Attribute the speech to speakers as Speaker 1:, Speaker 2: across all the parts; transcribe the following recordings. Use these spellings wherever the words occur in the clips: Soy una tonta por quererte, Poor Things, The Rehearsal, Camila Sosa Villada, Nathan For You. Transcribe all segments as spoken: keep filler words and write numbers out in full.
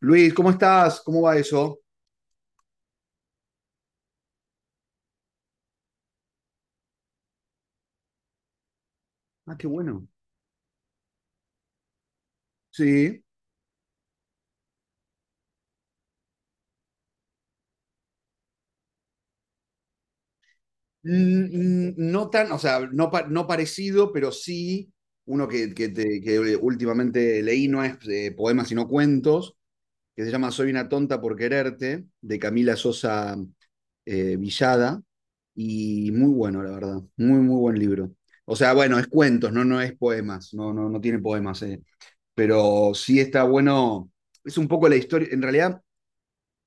Speaker 1: Luis, ¿cómo estás? ¿Cómo va eso? Ah, qué bueno. Sí. Mm, mm, No tan, o sea, no, pa- no parecido, pero sí uno que, que te- que últimamente leí, no es eh, poemas sino cuentos, que se llama Soy una tonta por quererte, de Camila Sosa eh, Villada, y muy bueno, la verdad, muy, muy buen libro. O sea, bueno, es cuentos, no, no es poemas, no, no, no tiene poemas, eh, pero sí está bueno, es un poco la historia, en realidad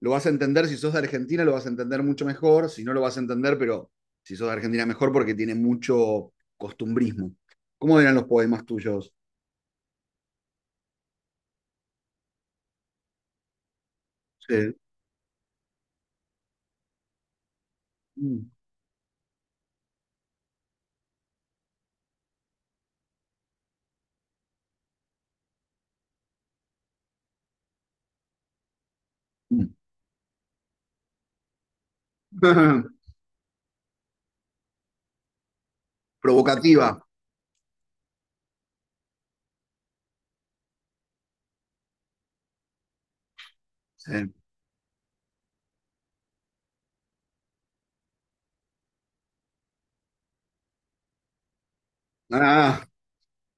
Speaker 1: lo vas a entender, si sos de Argentina lo vas a entender mucho mejor, si no lo vas a entender, pero si sos de Argentina mejor porque tiene mucho costumbrismo. ¿Cómo eran los poemas tuyos? Sí. Provocativa. Sí. Ah,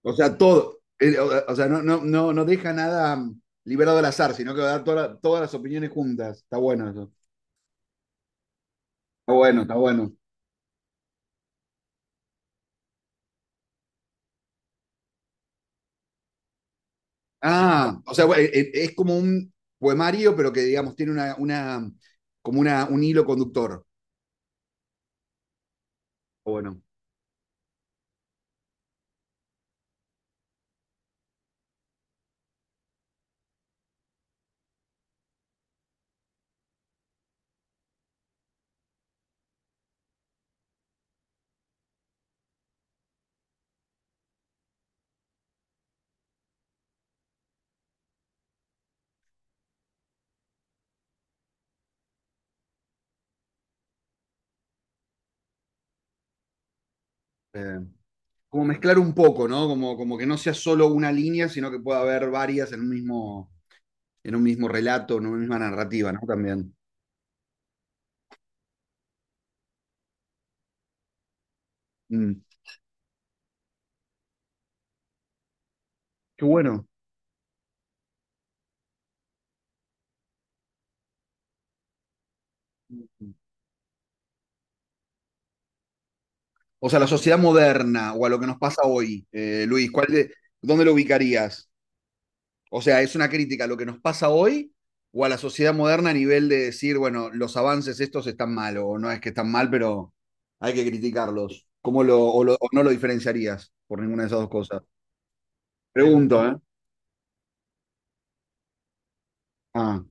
Speaker 1: o sea, todo. eh, O sea, no, no, no, no deja nada mm, liberado al azar, sino que va a dar toda, todas las opiniones juntas. Está bueno eso. Está bueno, está bueno. Ah, o sea, bueno, eh, eh, es como un poemario, pero que digamos tiene una, una como una, un hilo conductor. Bueno. Eh, como mezclar un poco, ¿no? Como, como que no sea solo una línea, sino que pueda haber varias en un mismo, en un mismo relato, en una misma narrativa, ¿no? También. Mm, qué bueno. O sea, la sociedad moderna o a lo que nos pasa hoy, eh, Luis, ¿cuál de, ¿dónde lo ubicarías? O sea, ¿es una crítica a lo que nos pasa hoy o a la sociedad moderna a nivel de decir, bueno, los avances estos están mal o no es que están mal, pero hay que criticarlos? ¿Cómo lo, o, lo, o no lo diferenciarías por ninguna de esas dos cosas? Pregunto, ¿eh? Ah.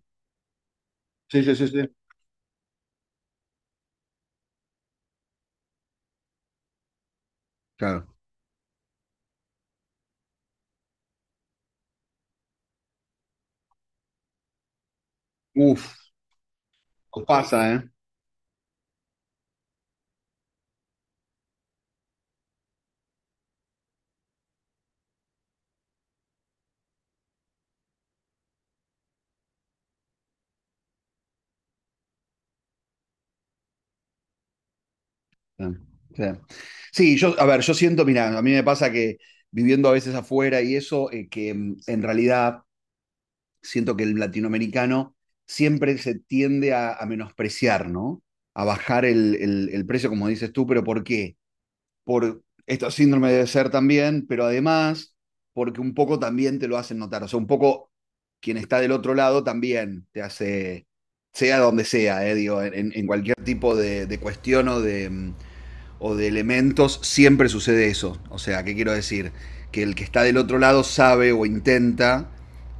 Speaker 1: Sí, sí, sí, sí. Claro. Uf, nos pasa, ¿eh? Sí. Sí, sí, yo, a ver, yo siento, mira, a mí me pasa que viviendo a veces afuera y eso, eh, que mm, en realidad siento que el latinoamericano siempre se tiende a, a menospreciar, ¿no? A bajar el, el- el precio, como dices tú, pero ¿por qué? Por esto síndrome de ser también, pero además porque un poco también te lo hacen notar, o sea, un poco quien está del otro lado también te hace, sea donde sea, eh, digo, en, en, cualquier tipo de, de cuestión o de, mm, o de elementos, siempre sucede eso. O sea, ¿qué quiero decir? Que el que está del otro lado sabe o intenta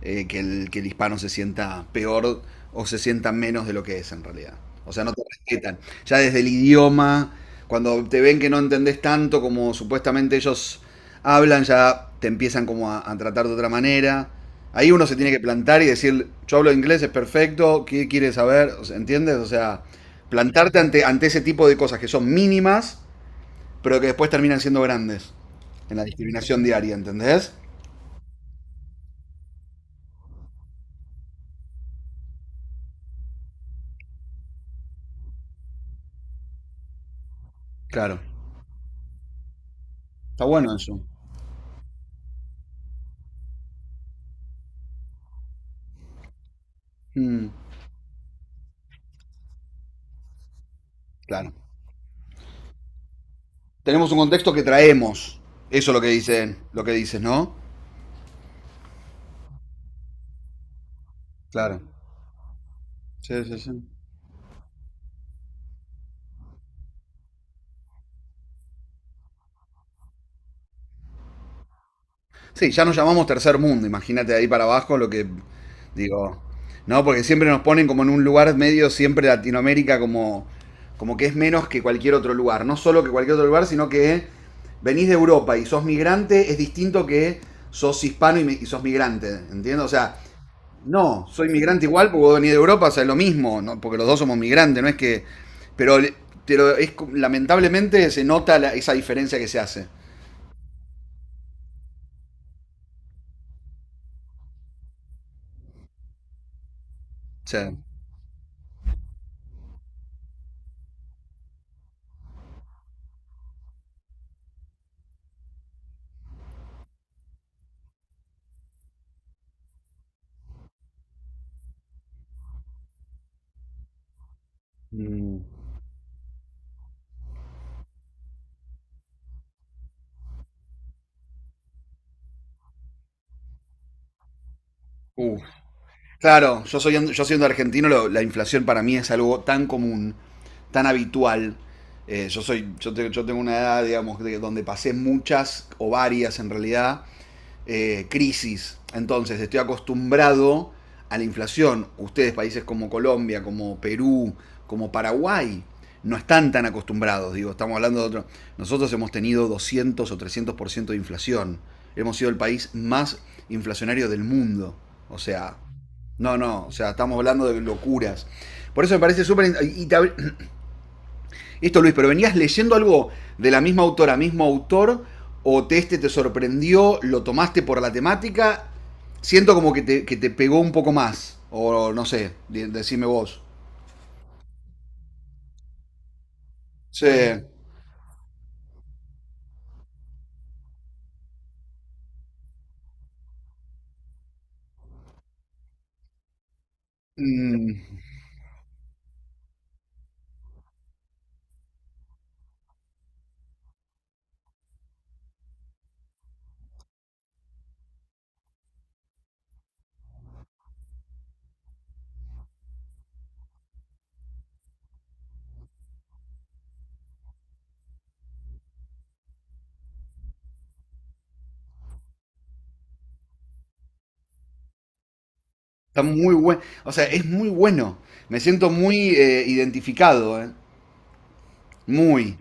Speaker 1: eh, que, el, que el hispano se sienta peor o se sienta menos de lo que es en realidad. O sea, no te respetan. Ya desde el idioma, cuando te ven que no entendés tanto como supuestamente ellos hablan, ya te empiezan como a, a tratar de otra manera. Ahí uno se tiene que plantar y decir, yo hablo inglés, es perfecto, ¿qué quieres saber? O sea, ¿entiendes? O sea, plantarte ante, ante ese tipo de cosas que son mínimas pero que después terminan siendo grandes en la discriminación diaria, ¿entendés? Claro. Está bueno eso. Mm, claro. Tenemos un contexto que traemos. Eso es lo que dicen, lo que dices, ¿no? Claro. Sí, sí, sí. Sí, ya nos llamamos tercer mundo, imagínate de ahí para abajo lo que digo, no, porque siempre nos ponen como en un lugar medio, siempre Latinoamérica como, como que es menos que cualquier otro lugar, no solo que cualquier otro lugar, sino que venís de Europa y sos migrante es distinto que sos hispano y, mi- y sos migrante, ¿entiendes? O sea, no, soy migrante igual porque vos venís de Europa, o sea, es lo mismo, ¿no? porque los dos somos migrantes, no es que, pero, pero es, co- lamentablemente se nota la- esa diferencia que se hace. O sea, mm, uh. Claro, yo, soy, yo siendo argentino, lo- la inflación para mí es algo tan común, tan habitual. Eh, yo, soy, yo, te- yo tengo una edad, digamos, de- donde pasé muchas o varias en realidad eh, crisis. Entonces estoy acostumbrado a la inflación. Ustedes, países como Colombia, como Perú, como Paraguay, no están tan acostumbrados. Digo, estamos hablando de otro. Nosotros hemos tenido doscientos o trescientos por ciento de inflación. Hemos sido el país más inflacionario del mundo. O sea, no, no, o sea, estamos hablando de locuras. Por eso me parece súper. Y te, esto, Luis, pero venías leyendo algo de la misma autora, mismo autor, o te, este te sorprendió, lo tomaste por la temática, siento como que te, que te pegó un poco más, o no sé, de- decime vos. Sí. Mm, está muy bueno, o sea, es muy bueno, me siento muy eh, identificado, ¿eh? Muy.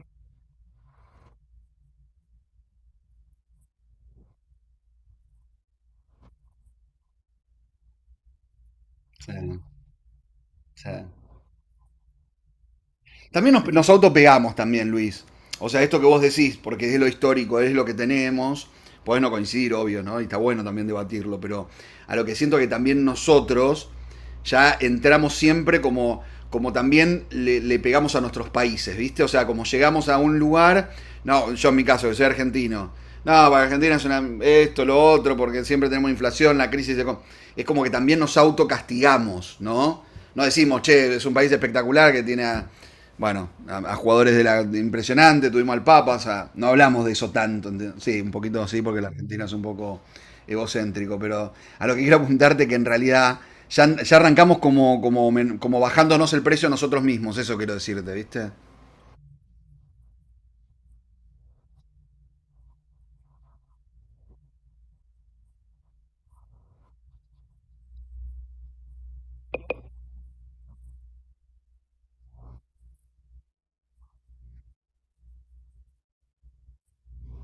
Speaker 1: Sí, sí. También nos, nos autopegamos también, Luis. O sea, esto que vos decís, porque es lo histórico, es lo que tenemos, podés no coincidir, obvio, ¿no? Y está bueno también debatirlo, pero a lo que siento que también nosotros ya entramos siempre como, como también le, le pegamos a nuestros países, ¿viste? O sea, como llegamos a un lugar, no, yo en mi caso, que soy argentino, no, para Argentina es una, esto, lo otro, porque siempre tenemos inflación, la crisis, de, es como que también nos autocastigamos, ¿no? No decimos, che, es un país espectacular que tiene... A, bueno, a, a jugadores de la de impresionante, tuvimos al Papas, a- no hablamos de eso tanto, ente- sí, un poquito sí, porque la Argentina es un poco egocéntrico, pero a lo que quiero apuntarte que en realidad ya, ya arrancamos como, como, como bajándonos el precio a nosotros mismos, eso quiero decirte, ¿viste?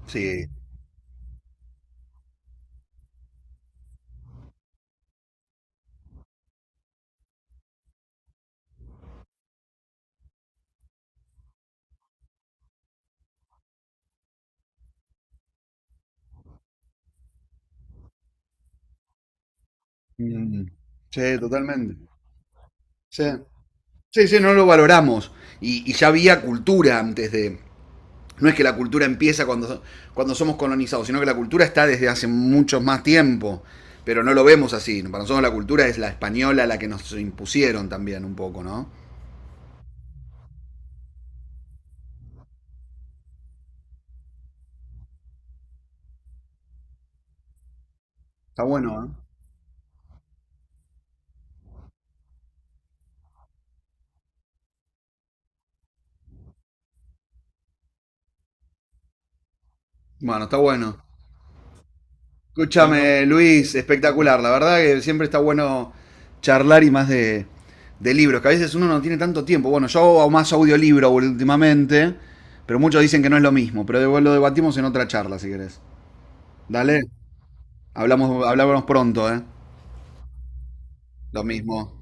Speaker 1: Sí. Mm. Sí, totalmente. Sí, sí, sí, no lo valoramos. Y, y ya había cultura antes de, no es que la cultura empieza cuando, cuando somos colonizados, sino que la cultura está desde hace mucho más tiempo, pero no lo vemos así. Para nosotros la cultura es la española, la que nos impusieron también un poco, ¿no? Está bueno, ¿eh? Bueno, está bueno. Escúchame, Luis, espectacular. La verdad que siempre está bueno charlar y más de, de libros, que a veces uno no tiene tanto tiempo. Bueno, yo hago más audiolibro últimamente, pero muchos dicen que no es lo mismo, pero lo debatimos en otra charla, si querés. Dale, hablamos, hablamos pronto, ¿eh? Lo mismo.